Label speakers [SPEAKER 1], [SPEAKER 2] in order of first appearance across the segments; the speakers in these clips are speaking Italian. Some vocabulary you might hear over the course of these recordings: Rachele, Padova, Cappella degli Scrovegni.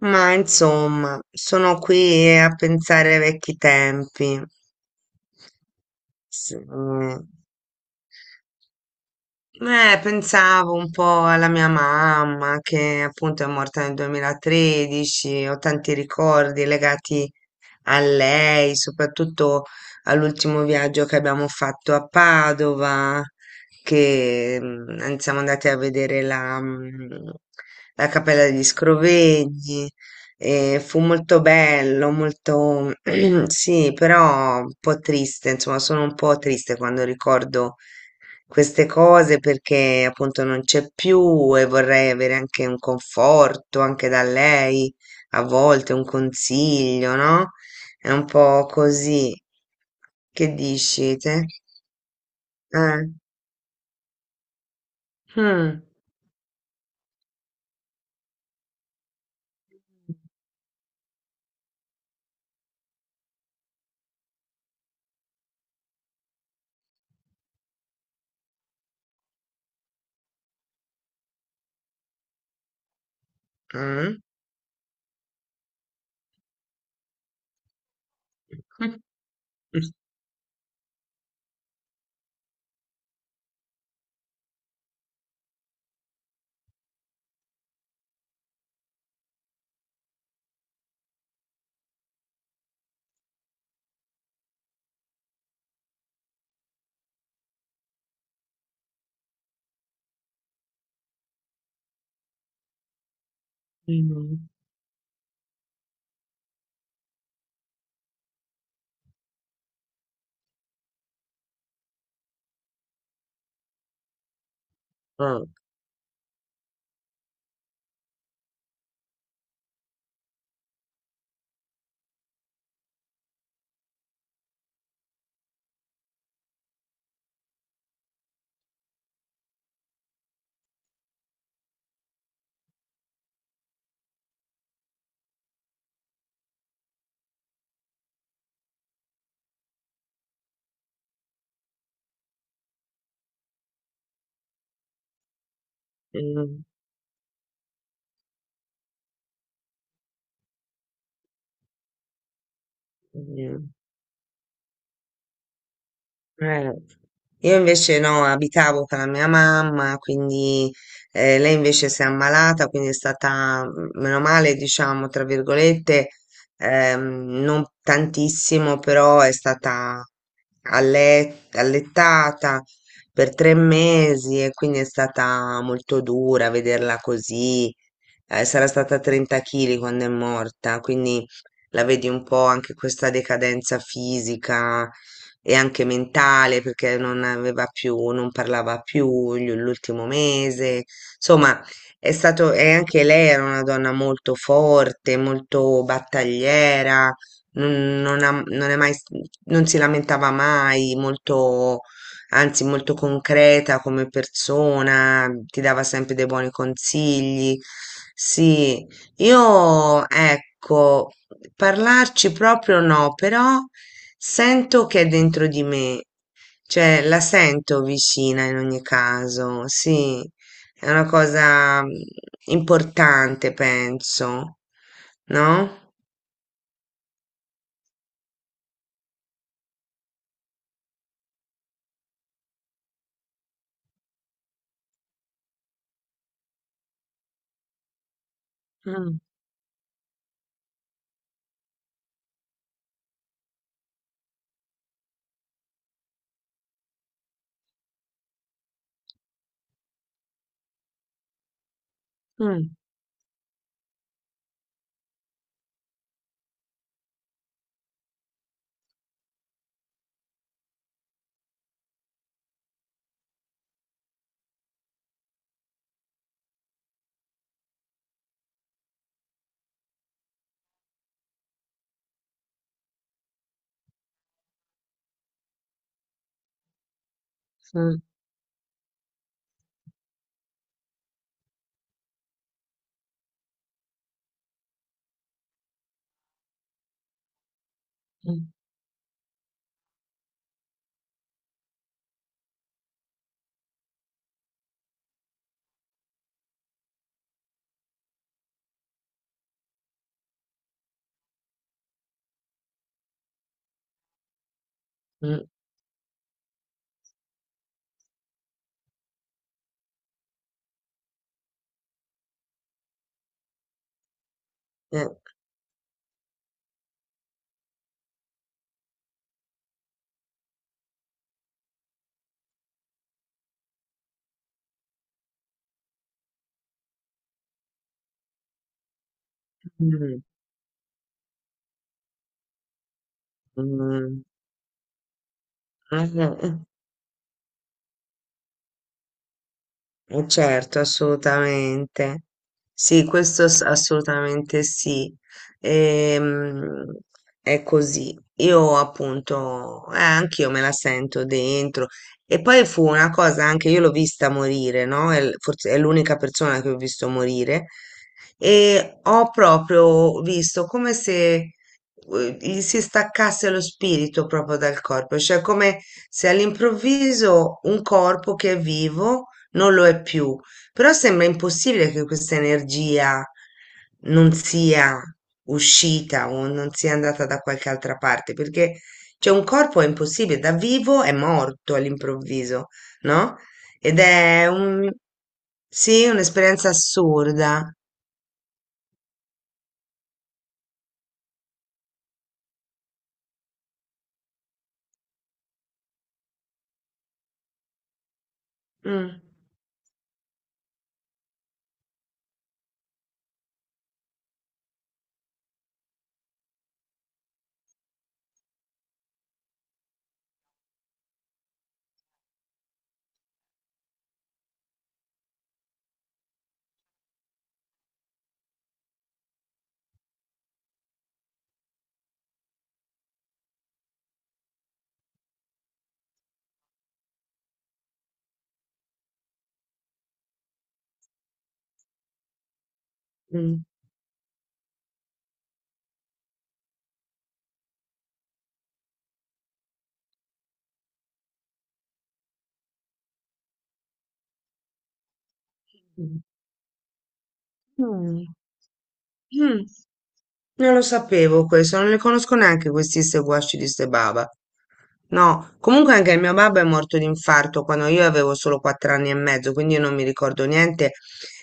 [SPEAKER 1] Ma insomma, sono qui a pensare ai vecchi tempi. Sì. Pensavo un po' alla mia mamma che appunto è morta nel 2013, ho tanti ricordi legati a lei, soprattutto all'ultimo viaggio che abbiamo fatto a Padova, che siamo andati a vedere la Cappella degli Scrovegni. E fu molto bello, molto sì, però un po' triste, insomma, sono un po' triste quando ricordo queste cose perché appunto non c'è più e vorrei avere anche un conforto anche da lei, a volte un consiglio, no? È un po' così. Che dici te? Eh? Mm. Mm. Mm. Oh, mm, mm. Eh. Io invece no, abitavo con la mia mamma, quindi lei invece si è ammalata, quindi è stata, meno male, diciamo, tra virgolette, ehm, non tantissimo, però è stata allettata per 3 mesi e quindi è stata molto dura vederla così. Sarà stata 30 kg quando è morta, quindi la vedi un po' anche questa decadenza fisica e anche mentale perché non aveva più, non parlava più l'ultimo mese. Insomma, è stato, e anche lei era una donna molto forte, molto battagliera non è mai, non si lamentava mai, molto, anzi molto concreta come persona, ti dava sempre dei buoni consigli. Sì, io ecco, parlarci proprio no, però sento che è dentro di me, cioè la sento vicina in ogni caso, sì, è una cosa importante, penso, no? Mm, mm, mm. Mh, mh, eh, mh, mh. Ah, eh. Certo, assolutamente. Sì, questo assolutamente sì. Ehm, è così. Io appunto, anch'io me la sento dentro. E poi fu una cosa anche, io l'ho vista morire, no? È forse è l'unica persona che ho visto morire. E ho proprio visto come se gli si staccasse lo spirito proprio dal corpo, cioè come se all'improvviso un corpo che è vivo non lo è più, però sembra impossibile che questa energia non sia uscita o non sia andata da qualche altra parte, perché cioè, un corpo è impossibile, da vivo è morto all'improvviso, no? Ed è un, sì, un'esperienza assurda. Mm, mm, mm, mm. Mm. Non lo sapevo questo, non li conosco neanche questi ste guasci di ste baba. No, comunque anche il mio babbo è morto di infarto quando io avevo solo 4 anni e mezzo, quindi io non mi ricordo niente.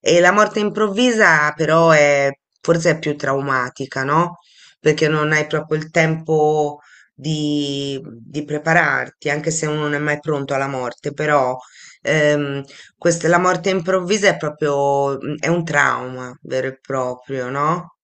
[SPEAKER 1] E la morte improvvisa però è forse è più traumatica, no? Perché non hai proprio il tempo di prepararti, anche se uno non è mai pronto alla morte, però ehm, questa, la morte improvvisa è proprio, è un trauma vero e proprio, no?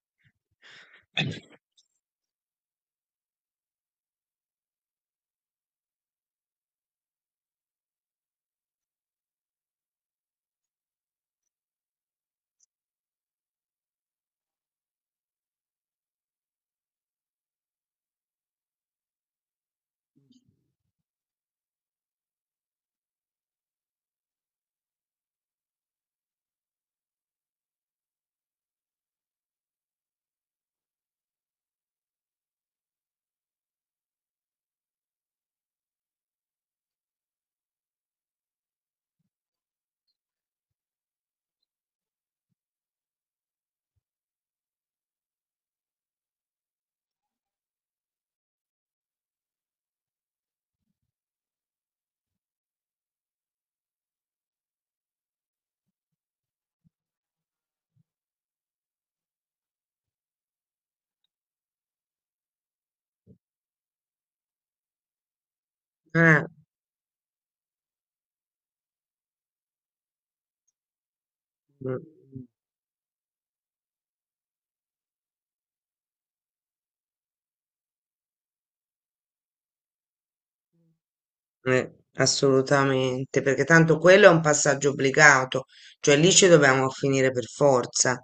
[SPEAKER 1] Eh. Mh, mh, assolutamente, perché tanto quello è un passaggio obbligato, cioè lì ci dobbiamo finire per forza,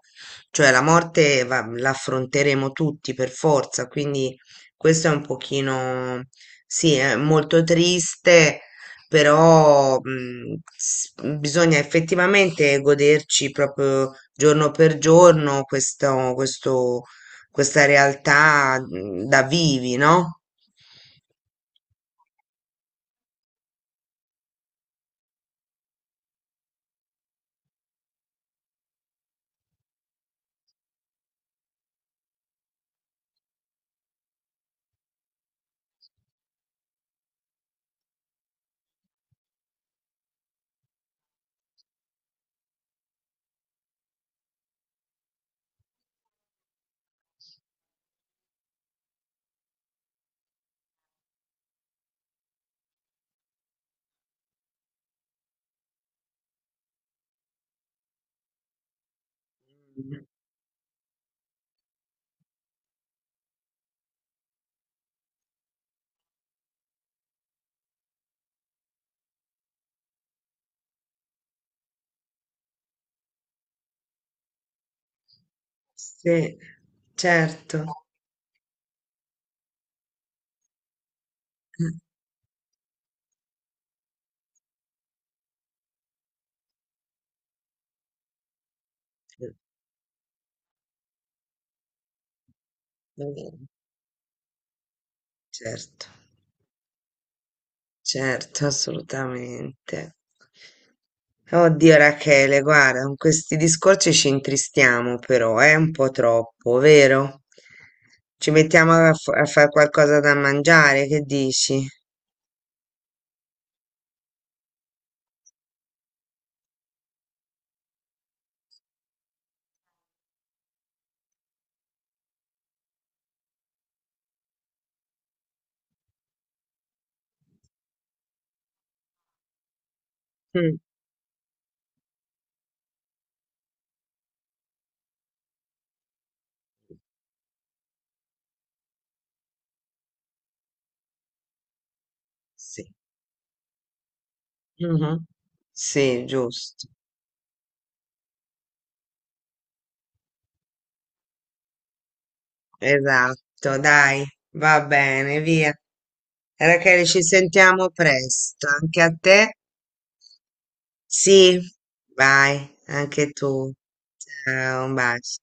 [SPEAKER 1] cioè la morte la affronteremo tutti per forza, quindi questo è un pochino, sì, è molto triste, però bisogna effettivamente goderci proprio giorno per giorno questo, questa realtà da vivi, no? Sì, certo. Eh, eh, va bene. Certo, certo, assolutamente. Oddio Rachele, guarda, con questi discorsi ci intristiamo però, è un po' troppo, vero? Ci mettiamo a fare qualcosa da mangiare, che dici? Mm, sì. Mhm. Sì, giusto. Esatto, dai, va bene, via. Rachele, ci sentiamo presto, anche a te. Sì, vai, anche tu. Ciao, un bacio.